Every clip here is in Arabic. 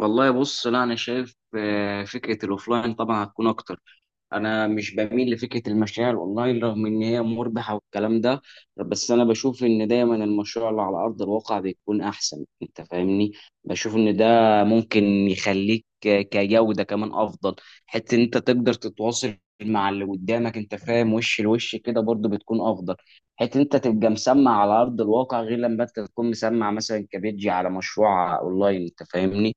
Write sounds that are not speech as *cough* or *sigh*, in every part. والله بص، لا انا شايف فكره الاوفلاين طبعا هتكون اكتر. انا مش بميل لفكره المشاريع الاونلاين، رغم ان هي مربحه والكلام ده. بس انا بشوف ان دايما المشروع اللي على ارض الواقع بيكون احسن، انت فاهمني؟ بشوف ان ده ممكن يخليك كجوده كمان افضل. حتى ان انت تقدر تتواصل مع اللي قدامك، انت فاهم، وش لوش كده برضو بتكون افضل. حتى انت تبقى مسمع على ارض الواقع، غير لما انت تكون مسمع مثلا كبيجي على مشروع اونلاين، انت فاهمني؟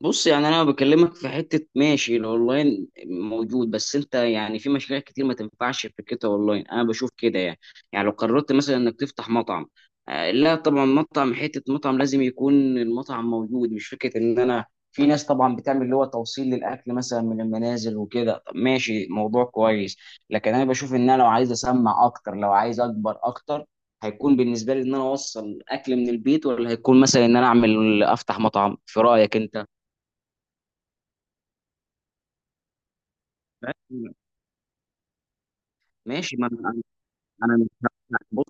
بص، يعني انا بكلمك في حته، ماشي، الاونلاين موجود، بس انت يعني في مشاريع كتير ما تنفعش فكرتها اونلاين. انا بشوف كده يعني. يعني لو قررت مثلا انك تفتح مطعم، لا طبعا، مطعم حته مطعم لازم يكون المطعم موجود، مش فكره ان انا في ناس طبعا بتعمل اللي هو توصيل للاكل مثلا من المنازل وكده. طب ماشي، موضوع كويس. لكن انا بشوف ان انا لو عايز اسمع اكتر، لو عايز اكبر اكتر، هيكون بالنسبه لي ان انا اوصل اكل من البيت، ولا هيكون مثلا ان انا اعمل افتح مطعم؟ في رايك انت؟ ماشي. ماشي. ما انا مش هفتح. بص،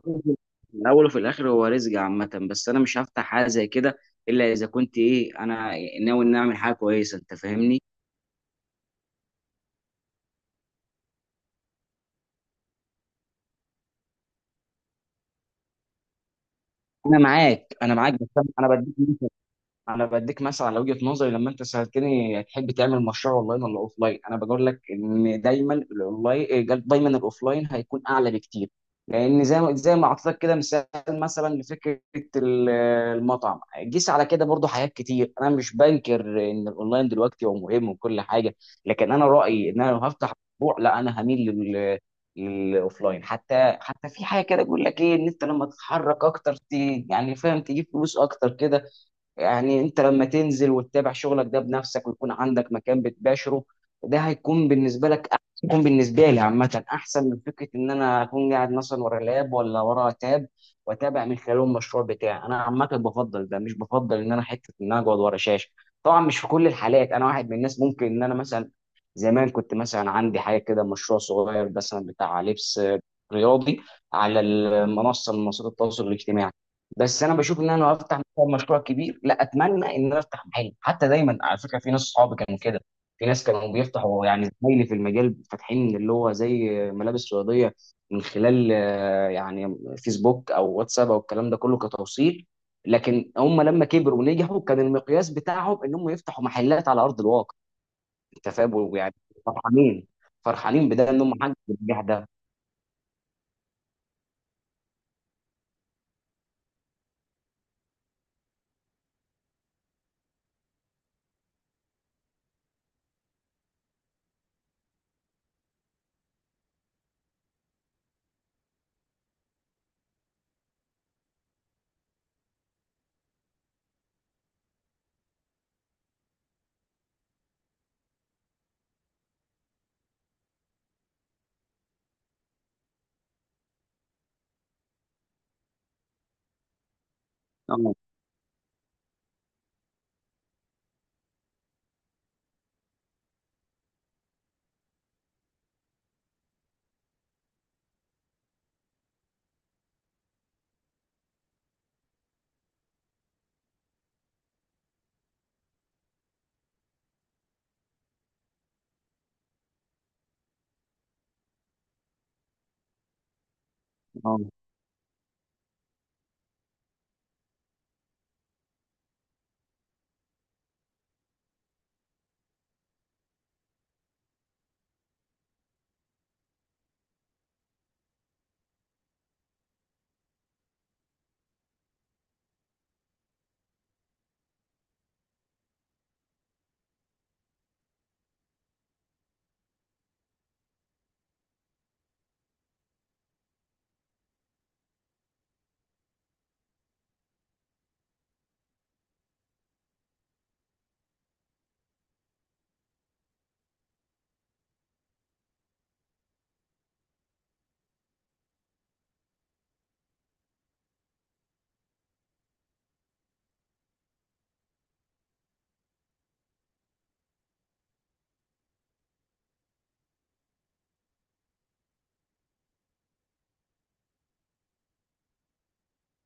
في الاول وفي الاخر هو رزق عامه، بس انا مش هفتح حاجه زي كده، الا اذا كنت ايه، انا ناوي ان اعمل حاجه كويسه، انت فاهمني؟ انا معاك، انا معاك، بس انا بديك مثلا على وجهه نظري، لما انت سالتني تحب تعمل مشروع اونلاين ولا اوفلاين، انا بقول لك ان دايما الاونلاين، دايما الاوفلاين هيكون اعلى بكتير. لان زي ما اعطيتك كده مثال مثلا لفكره ال- المطعم. قيس على كده برضو حاجات كتير، انا مش بنكر ان الاونلاين دلوقتي هو مهم وكل حاجه. لكن انا رايي ان انا لو هفتح مشروع، لا، انا هميل للاوفلاين. حتى في حاجه كده بيقول لك ايه، ان انت لما تتحرك اكتر يعني فاهم، تجيب فلوس اكتر كده. يعني انت لما تنزل وتتابع شغلك ده بنفسك ويكون عندك مكان بتباشره، ده هيكون بالنسبه لك هيكون بالنسبه لي عامه احسن من فكره ان انا اكون قاعد مثلا ورا لاب ولا ورا تاب، واتابع من خلاله المشروع بتاعي. انا عامه بفضل ده، مش بفضل ان انا حته ان انا اقعد ورا شاشه. طبعا مش في كل الحالات. انا واحد من الناس، ممكن ان انا مثلا زمان كنت مثلا عندي حاجه كده، مشروع صغير مثلا بتاع لبس رياضي على المنصه من منصات التواصل الاجتماعي. بس انا بشوف ان انا لو افتح مثلا مشروع كبير، لا، اتمنى ان انا افتح محل حتى. دايما على فكره في ناس صحابي كانوا كده، في ناس كانوا بيفتحوا يعني، زمايلي في المجال فاتحين اللي هو زي ملابس رياضيه، من خلال يعني فيسبوك او واتساب او الكلام ده كله كتوصيل. لكن هم لما كبروا ونجحوا، كان المقياس بتاعهم ان هم يفتحوا محلات على ارض الواقع. انت فاهم يعني؟ فرحانين، فرحانين بده، ان هم حققوا النجاح ده. اه. آه.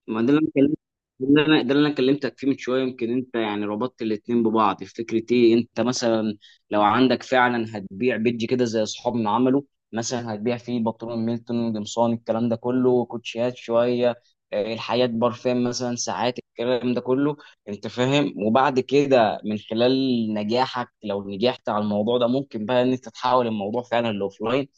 ما ده اللي انا كلمت ده اللي انا ده اللي انا كلمتك فيه من شويه، يمكن انت يعني ربطت الاتنين ببعض في فكره ايه، انت مثلا لو عندك فعلا هتبيع بيج كده زي اصحابنا عملوا، مثلا هتبيع فيه بنطلون ميلتون، قمصان، الكلام ده كله، كوتشيات شويه، الحياه برفان مثلا ساعات، الكلام ده كله. انت فاهم؟ وبعد كده من خلال نجاحك، لو نجحت على الموضوع ده، ممكن بقى ان انت تحول الموضوع فعلا لاوفلاين،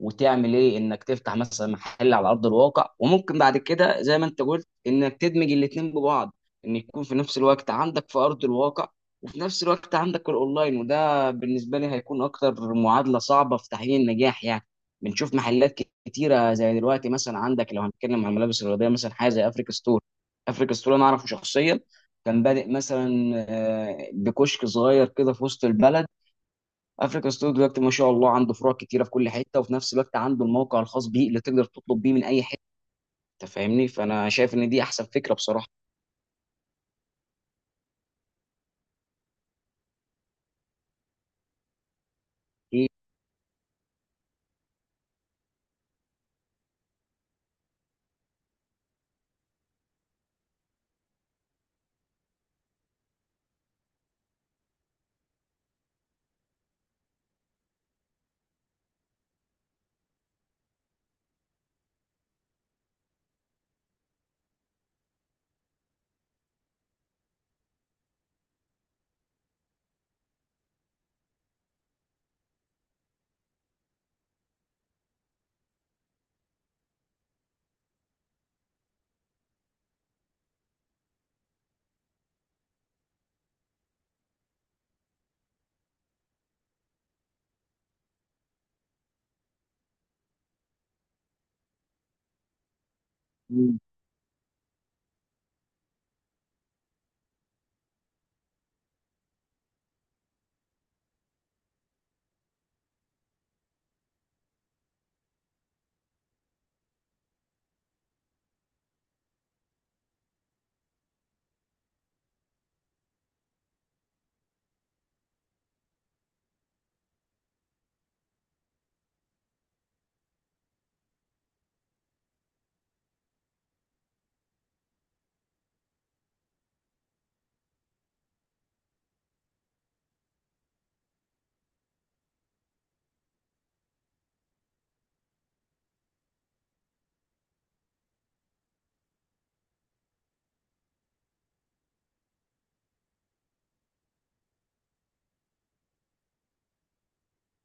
وتعمل ايه انك تفتح مثلا محل على ارض الواقع. وممكن بعد كده زي ما انت قلت، انك تدمج الاتنين ببعض، ان يكون في نفس الوقت عندك في ارض الواقع، وفي نفس الوقت عندك الاونلاين، وده بالنسبه لي هيكون اكتر معادله صعبه في تحقيق النجاح يعني. بنشوف محلات كتيره، زي دلوقتي مثلا عندك لو هنتكلم عن الملابس الرياضيه مثلا، حاجه زي افريكا ستور. افريكا ستور انا اعرفه شخصيا. كان بادئ مثلا بكشك صغير كده في وسط البلد. افريكا ستور دلوقتي ما شاء الله عنده فروع كتيره في كل حته، وفي نفس الوقت عنده الموقع الخاص بيه اللي تقدر تطلب بيه من اي حته. انت فاهمني؟ فانا شايف ان دي احسن فكره بصراحه. أكيد.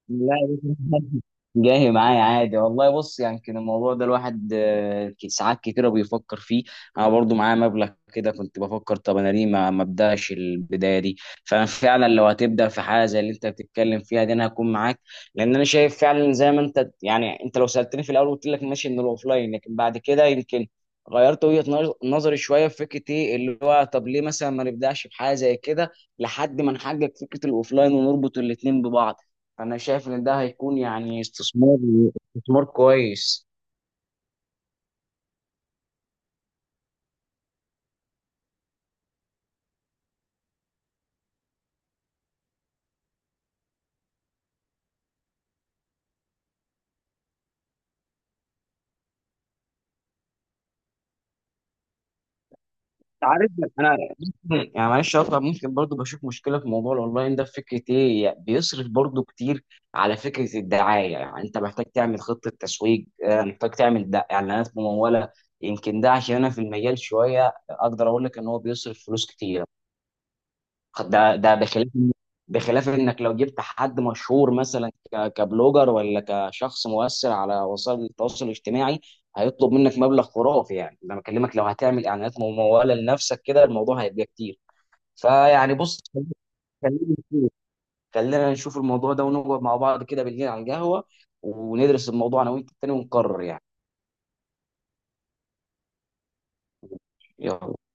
لا يا باشا، جاي معايا عادي والله. بص، يعني كان الموضوع ده الواحد ساعات كتيرة بيفكر فيه. انا برضو معايا مبلغ كده، كنت بفكر طب انا ليه ما ابداش البدايه دي؟ فانا فعلا لو هتبدا في حاجه زي اللي انت بتتكلم فيها دي، انا هكون معاك. لان انا شايف فعلا زي ما انت، يعني انت لو سالتني في الاول قلت لك ماشي ان الاوفلاين، لكن بعد كده يمكن غيرت وجهة نظري شوية في فكرة ايه اللي هو، طب ليه مثلا ما نبدأش بحاجة زي كده؟ لحد ما نحقق فكرة الاوفلاين ونربط الاتنين ببعض. انا شايف ان ده هيكون يعني استثمار كويس. عارف، انا *clears throat* يعني معلش اقطع، ممكن برضو بشوف مشكله في موضوع الاونلاين ده في فكره ايه، يعني بيصرف برضو كتير على فكره الدعايه. يعني انت محتاج تعمل خطه تسويق، محتاج تعمل اعلانات مموله. يمكن ده عشان انا في المجال شويه، اقدر اقول لك ان هو بيصرف فلوس كتير. ده بخلاف انك لو جبت حد مشهور مثلا كبلوجر ولا كشخص مؤثر على وسائل التواصل الاجتماعي، هيطلب منك مبلغ خرافي يعني. ده أنا بكلمك لو هتعمل اعلانات ممولة لنفسك كده، الموضوع هيبقى كتير. فيعني بص، خلينا نشوف خلينا نشوف الموضوع ده ونقعد مع بعض كده بالليل على القهوة، وندرس الموضوع انا وانت تاني ونقرر يعني. يلا.